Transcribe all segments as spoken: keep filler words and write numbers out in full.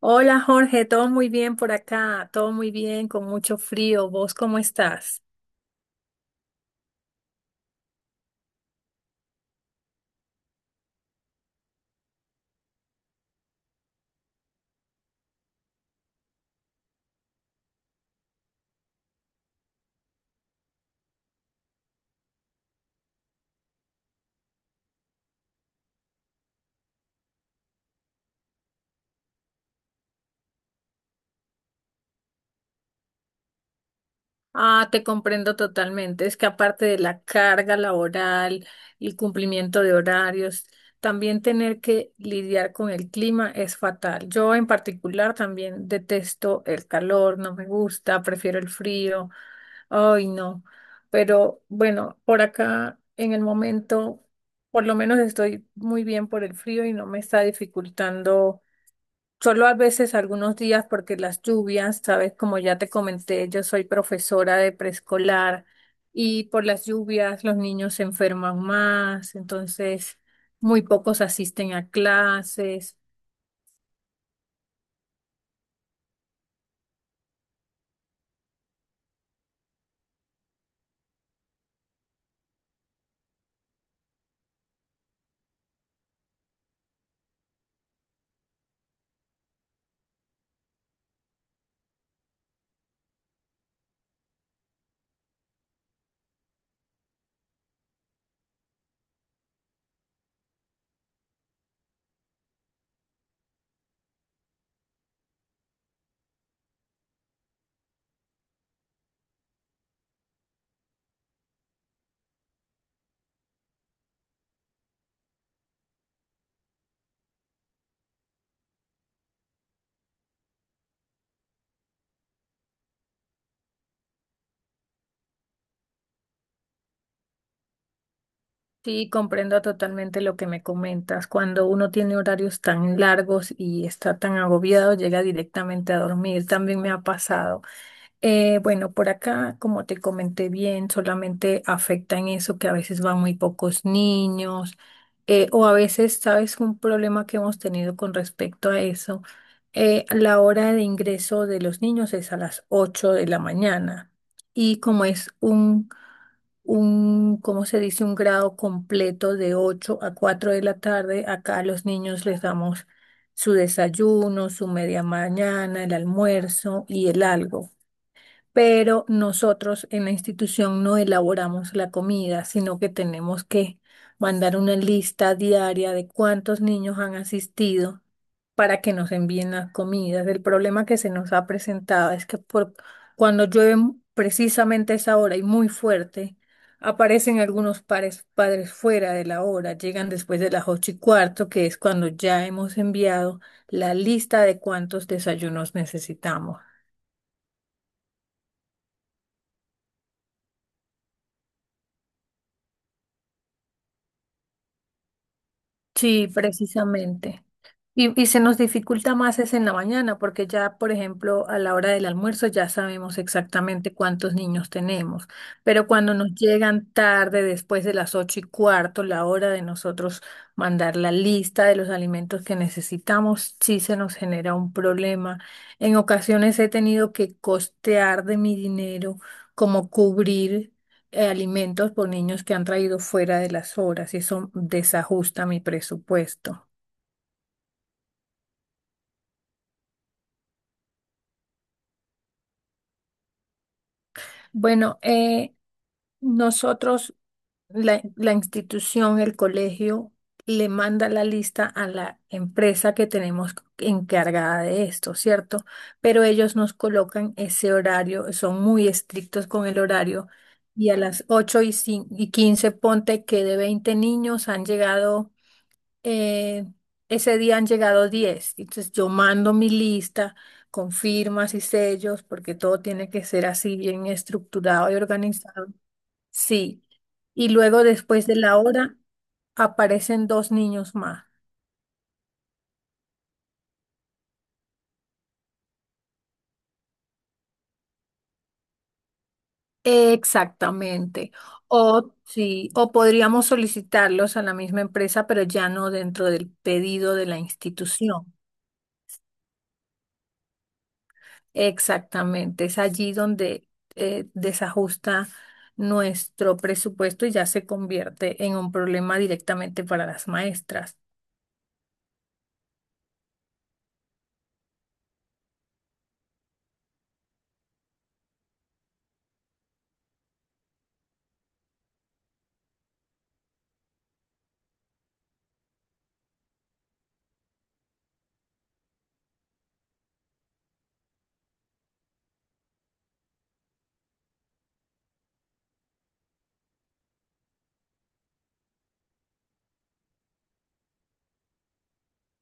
Hola Jorge, todo muy bien por acá, todo muy bien, con mucho frío. ¿Vos cómo estás? Ah, te comprendo totalmente. Es que aparte de la carga laboral y cumplimiento de horarios, también tener que lidiar con el clima es fatal. Yo en particular también detesto el calor, no me gusta, prefiero el frío. Ay, no. Pero bueno, por acá en el momento, por lo menos estoy muy bien por el frío y no me está dificultando. Solo a veces algunos días porque las lluvias, sabes, como ya te comenté, yo soy profesora de preescolar y por las lluvias los niños se enferman más, entonces muy pocos asisten a clases. Sí, comprendo totalmente lo que me comentas. Cuando uno tiene horarios tan largos y está tan agobiado, llega directamente a dormir. También me ha pasado. Eh, bueno, por acá, como te comenté bien, solamente afecta en eso que a veces van muy pocos niños, eh, o a veces, ¿sabes? Un problema que hemos tenido con respecto a eso, eh, la hora de ingreso de los niños es a las ocho de la mañana y como es un, un, ¿cómo se dice? Un grado completo de ocho a cuatro de la tarde, acá a los niños les damos su desayuno, su media mañana, el almuerzo y el algo, pero nosotros en la institución no elaboramos la comida, sino que tenemos que mandar una lista diaria de cuántos niños han asistido para que nos envíen las comidas. El problema que se nos ha presentado es que por, cuando llueve mu- precisamente a esa hora y muy fuerte, aparecen algunos pares- padres fuera de la hora, llegan después de las ocho y cuarto, que es cuando ya hemos enviado la lista de cuántos desayunos necesitamos. Sí, precisamente. Y, y se nos dificulta más es en la mañana, porque ya, por ejemplo, a la hora del almuerzo ya sabemos exactamente cuántos niños tenemos, pero cuando nos llegan tarde, después de las ocho y cuarto, la hora de nosotros mandar la lista de los alimentos que necesitamos, sí se nos genera un problema. En ocasiones he tenido que costear de mi dinero, como cubrir eh, alimentos por niños que han traído fuera de las horas y eso desajusta mi presupuesto. Bueno, eh, nosotros, la, la institución, el colegio, le manda la lista a la empresa que tenemos encargada de esto, ¿cierto? Pero ellos nos colocan ese horario, son muy estrictos con el horario. Y a las ocho y, cin- y quince, ponte que de veinte niños han llegado, eh, ese día han llegado diez. Entonces yo mando mi lista con firmas y sellos porque todo tiene que ser así bien estructurado y organizado. Sí. Y luego después de la hora aparecen dos niños más. Exactamente. O sí, o podríamos solicitarlos a la misma empresa, pero ya no dentro del pedido de la institución. Exactamente, es allí donde eh, desajusta nuestro presupuesto y ya se convierte en un problema directamente para las maestras.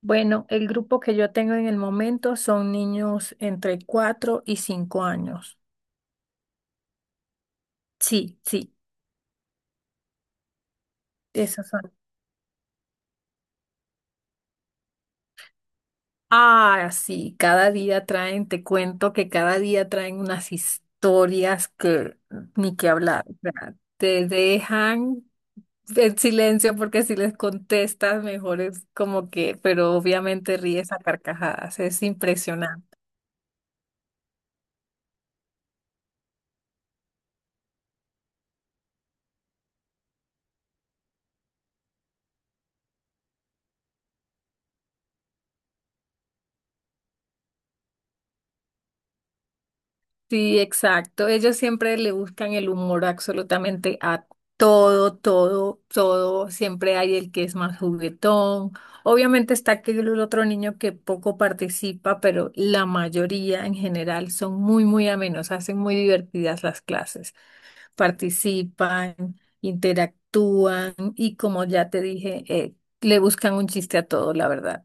Bueno, el grupo que yo tengo en el momento son niños entre cuatro y cinco años. Sí, sí, esos son. Ah, sí, cada día traen, te cuento que cada día traen unas historias que ni que hablar, o sea, te dejan en silencio, porque si les contestas, mejor es como que, pero obviamente ríes a carcajadas, es impresionante. Sí, exacto. Ellos siempre le buscan el humor absolutamente a todo, todo, todo. Siempre hay el que es más juguetón. Obviamente está aquel otro niño que poco participa, pero la mayoría en general son muy, muy amenos, hacen muy divertidas las clases. Participan, interactúan y como ya te dije, eh, le buscan un chiste a todo, la verdad.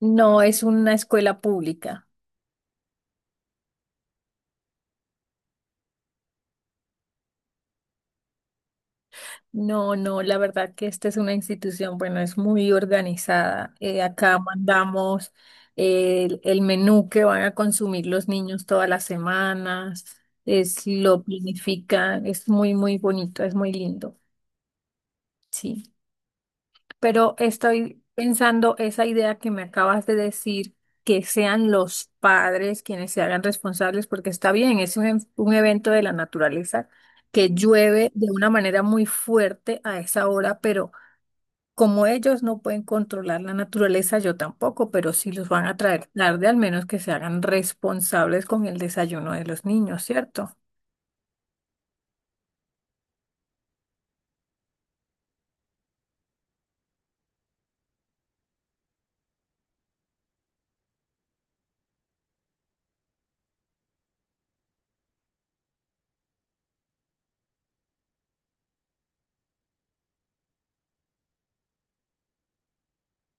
No es una escuela pública. No, no, la verdad que esta es una institución, bueno, es muy organizada. Eh, acá mandamos eh, el, el menú que van a consumir los niños todas las semanas, es, lo planifican, es muy, muy bonito, es muy lindo. Sí. Pero estoy pensando esa idea que me acabas de decir, que sean los padres quienes se hagan responsables, porque está bien, es un, ev- un evento de la naturaleza que llueve de una manera muy fuerte a esa hora, pero como ellos no pueden controlar la naturaleza, yo tampoco, pero si los van a traer tarde, al menos que se hagan responsables con el desayuno de los niños, ¿cierto?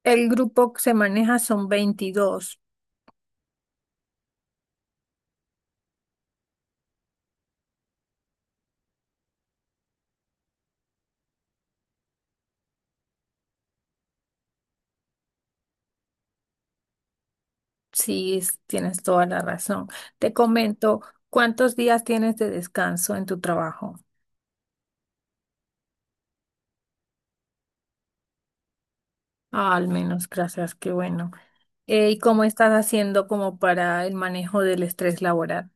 El grupo que se maneja son veintidós. Sí, es- tienes toda la razón. Te comento, ¿cuántos días tienes de descanso en tu trabajo? Ah, al menos, gracias, qué bueno. Eh, ¿y cómo estás haciendo como para el manejo del estrés laboral?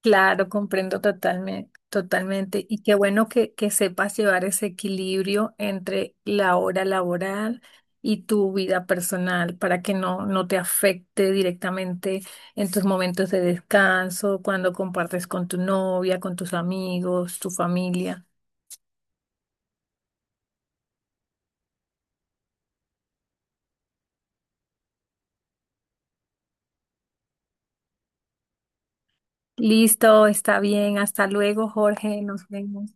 Claro, comprendo totalmente, totalmente. Y qué bueno que, que sepas llevar ese equilibrio entre la hora laboral y tu vida personal para que no, no te afecte directamente en tus momentos de descanso, cuando compartes con tu novia, con tus amigos, tu familia. Listo, está bien. Hasta luego, Jorge. Nos vemos.